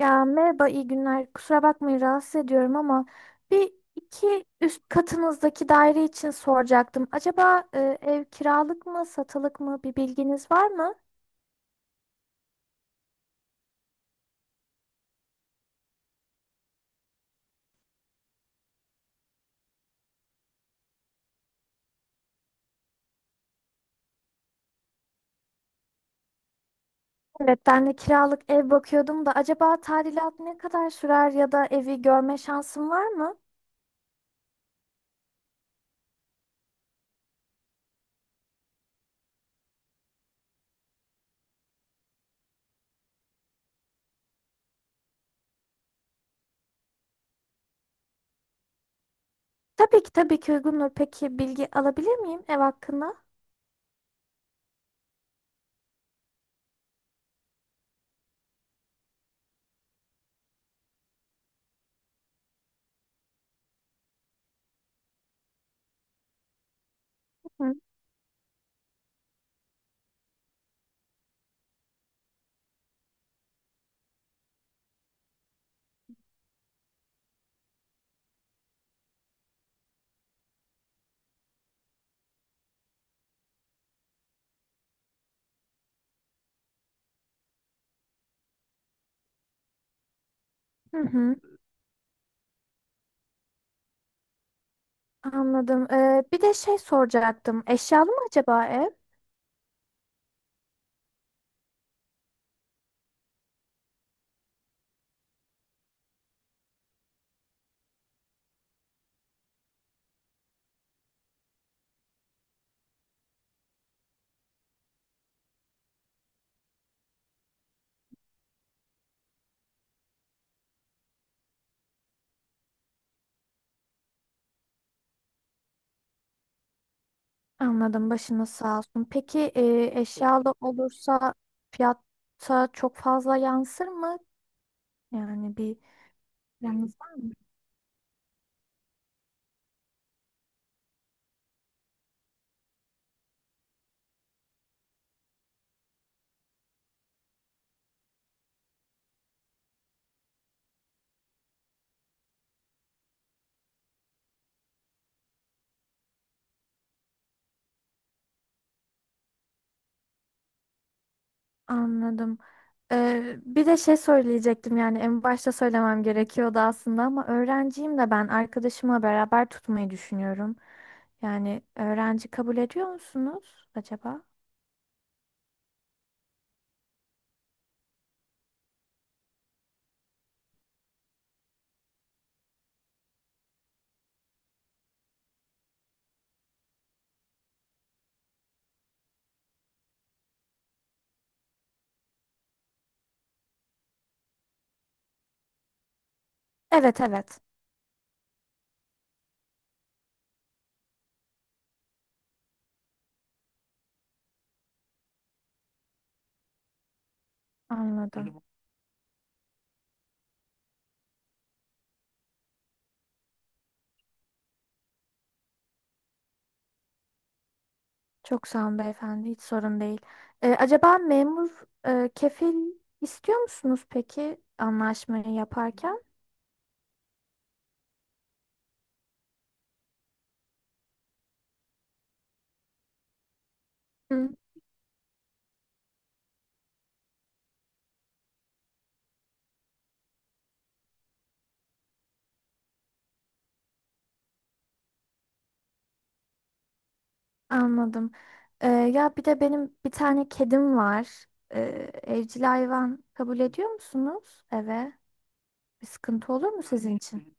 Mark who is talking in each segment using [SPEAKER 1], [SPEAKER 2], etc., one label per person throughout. [SPEAKER 1] Ya merhaba, iyi günler. Kusura bakmayın rahatsız ediyorum ama bir iki üst katınızdaki daire için soracaktım. Acaba ev kiralık mı, satılık mı bir bilginiz var mı? Evet, ben de kiralık ev bakıyordum da acaba tadilat ne kadar sürer ya da evi görme şansım var mı? Tabii ki tabii ki uygundur. Peki bilgi alabilir miyim ev hakkında? Hı hı, anladım. Bir de şey soracaktım. Eşyalı mı acaba ev? Anladım, başınız sağ olsun. Peki eşyalı olursa fiyata çok fazla yansır mı? Yani bir yanınız var mı? Anladım. Bir de şey söyleyecektim, yani en başta söylemem gerekiyordu aslında ama öğrenciyim de, ben arkadaşımla beraber tutmayı düşünüyorum. Yani öğrenci kabul ediyor musunuz acaba? Evet evet, anladım. Çok sağ olun beyefendi, hiç sorun değil. Acaba memur kefil istiyor musunuz peki anlaşmayı yaparken? Anladım. Ya bir de benim bir tane kedim var. Ee, Evcil hayvan kabul ediyor musunuz eve? Bir sıkıntı olur mu sizin için?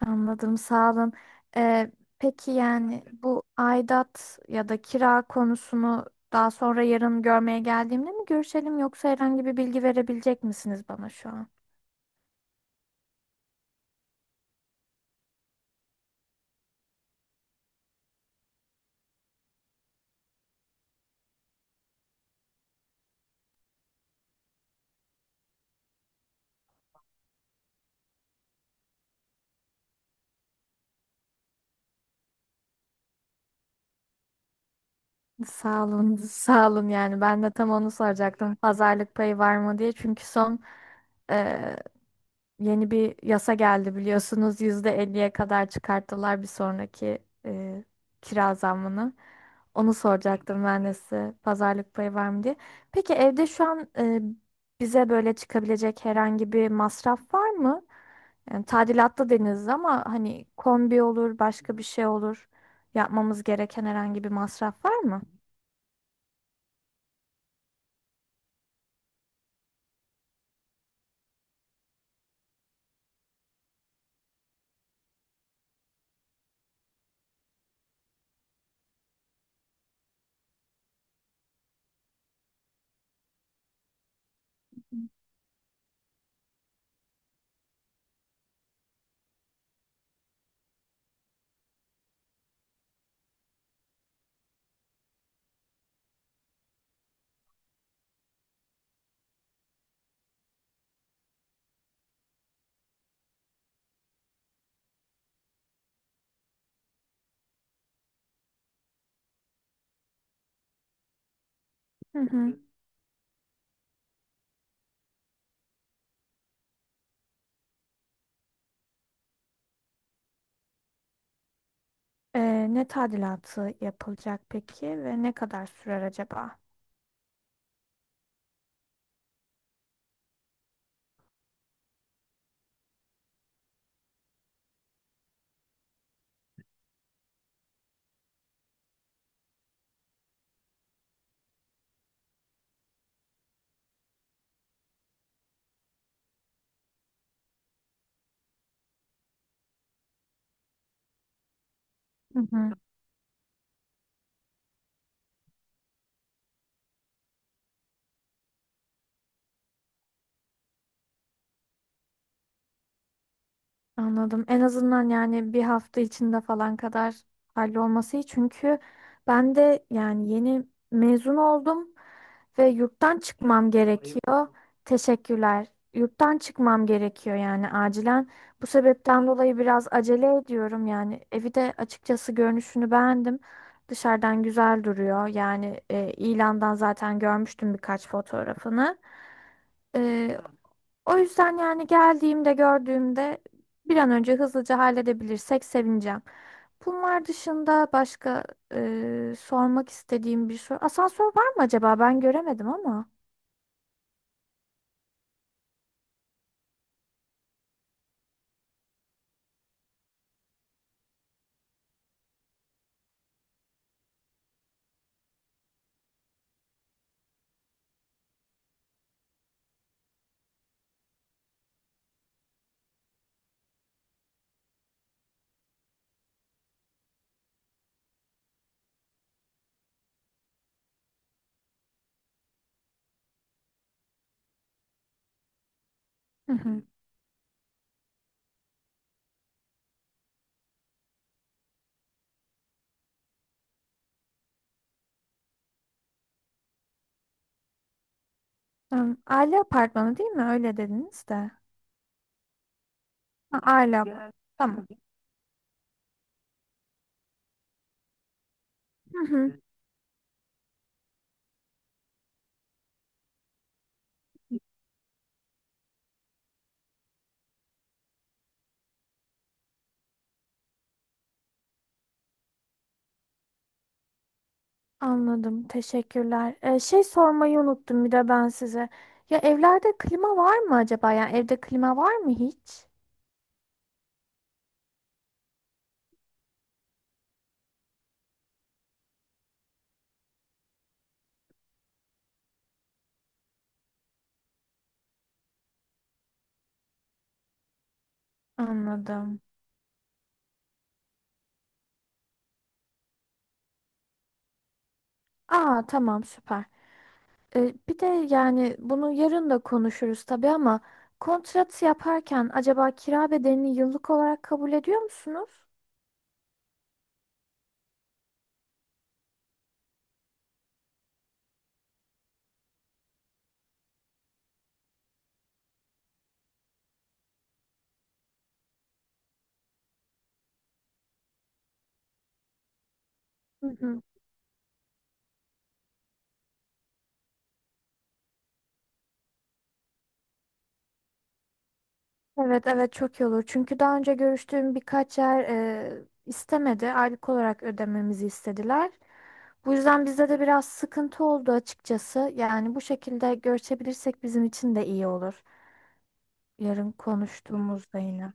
[SPEAKER 1] Anladım, sağ olun. Ee, peki yani bu aidat ya da kira konusunu daha sonra yarın görmeye geldiğimde mi görüşelim, yoksa herhangi bir bilgi verebilecek misiniz bana şu an? Sağ olun, sağ olun, yani ben de tam onu soracaktım. Pazarlık payı var mı diye, çünkü son yeni bir yasa geldi biliyorsunuz. %50'ye kadar çıkarttılar bir sonraki e, kira zammını. Onu soracaktım ben de size. Pazarlık payı var mı diye. Peki evde şu an bize böyle çıkabilecek herhangi bir masraf var mı? Yani tadilatta deniz ama hani kombi olur, başka bir şey olur. Yapmamız gereken herhangi bir masraf var mı? Hı hı. E, Ne tadilatı yapılacak peki ve ne kadar sürer acaba? Hı hı. Anladım. En azından yani bir hafta içinde falan kadar hallolması iyi. Çünkü ben de yani yeni mezun oldum ve yurttan çıkmam gerekiyor. Teşekkürler. Yurttan çıkmam gerekiyor yani acilen. Bu sebepten dolayı biraz acele ediyorum yani. Evi de açıkçası görünüşünü beğendim. Dışarıdan güzel duruyor. Yani ilandan zaten görmüştüm birkaç fotoğrafını. O yüzden yani geldiğimde gördüğümde bir an önce hızlıca halledebilirsek sevineceğim. Bunlar dışında başka sormak istediğim bir soru. Asansör var mı acaba? Ben göremedim ama. Hı hı. Tamam. Aile apartmanı değil mi? Öyle dediniz de. Ha, aile apartmanı. Tamam. Hı hı. Anladım. Teşekkürler. Şey sormayı unuttum bir de ben size. Ya evlerde klima var mı acaba? Yani evde klima var mı hiç? Anladım. Aa tamam, süper. Bir de yani bunu yarın da konuşuruz tabii ama kontrat yaparken acaba kira bedelini yıllık olarak kabul ediyor musunuz? Hı hı. Evet evet, çok iyi olur. Çünkü daha önce görüştüğüm birkaç yer istemedi. Aylık olarak ödememizi istediler. Bu yüzden bizde de biraz sıkıntı oldu açıkçası. Yani bu şekilde görüşebilirsek bizim için de iyi olur. Yarın konuştuğumuzda yine.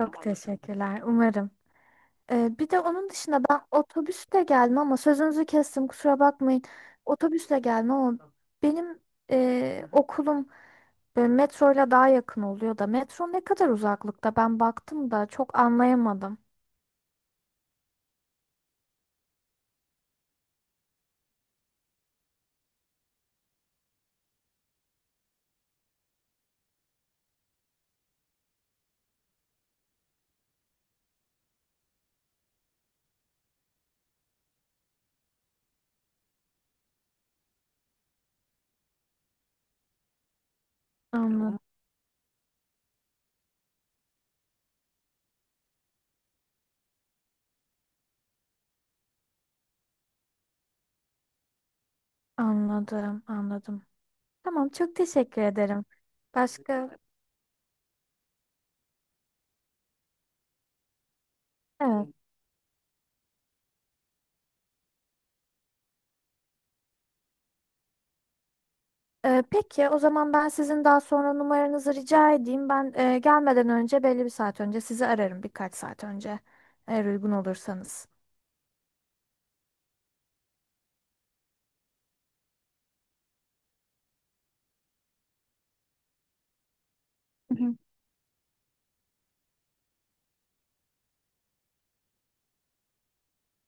[SPEAKER 1] Çok teşekkürler. Umarım. Bir de onun dışında ben otobüsle gelmem ama sözünüzü kestim, kusura bakmayın. Otobüsle gelmem ama benim okulum metroyla daha yakın oluyor da, metro ne kadar uzaklıkta? Ben baktım da çok anlayamadım. Anladım, anladım, anladım. Tamam, çok teşekkür ederim. Başka? Evet. Peki o zaman ben sizin daha sonra numaranızı rica edeyim. Ben gelmeden önce belli bir saat önce sizi ararım, birkaç saat önce eğer uygun olursanız. Hı hı.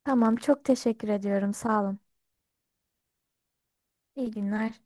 [SPEAKER 1] Tamam, çok teşekkür ediyorum. Sağ olun. İyi günler.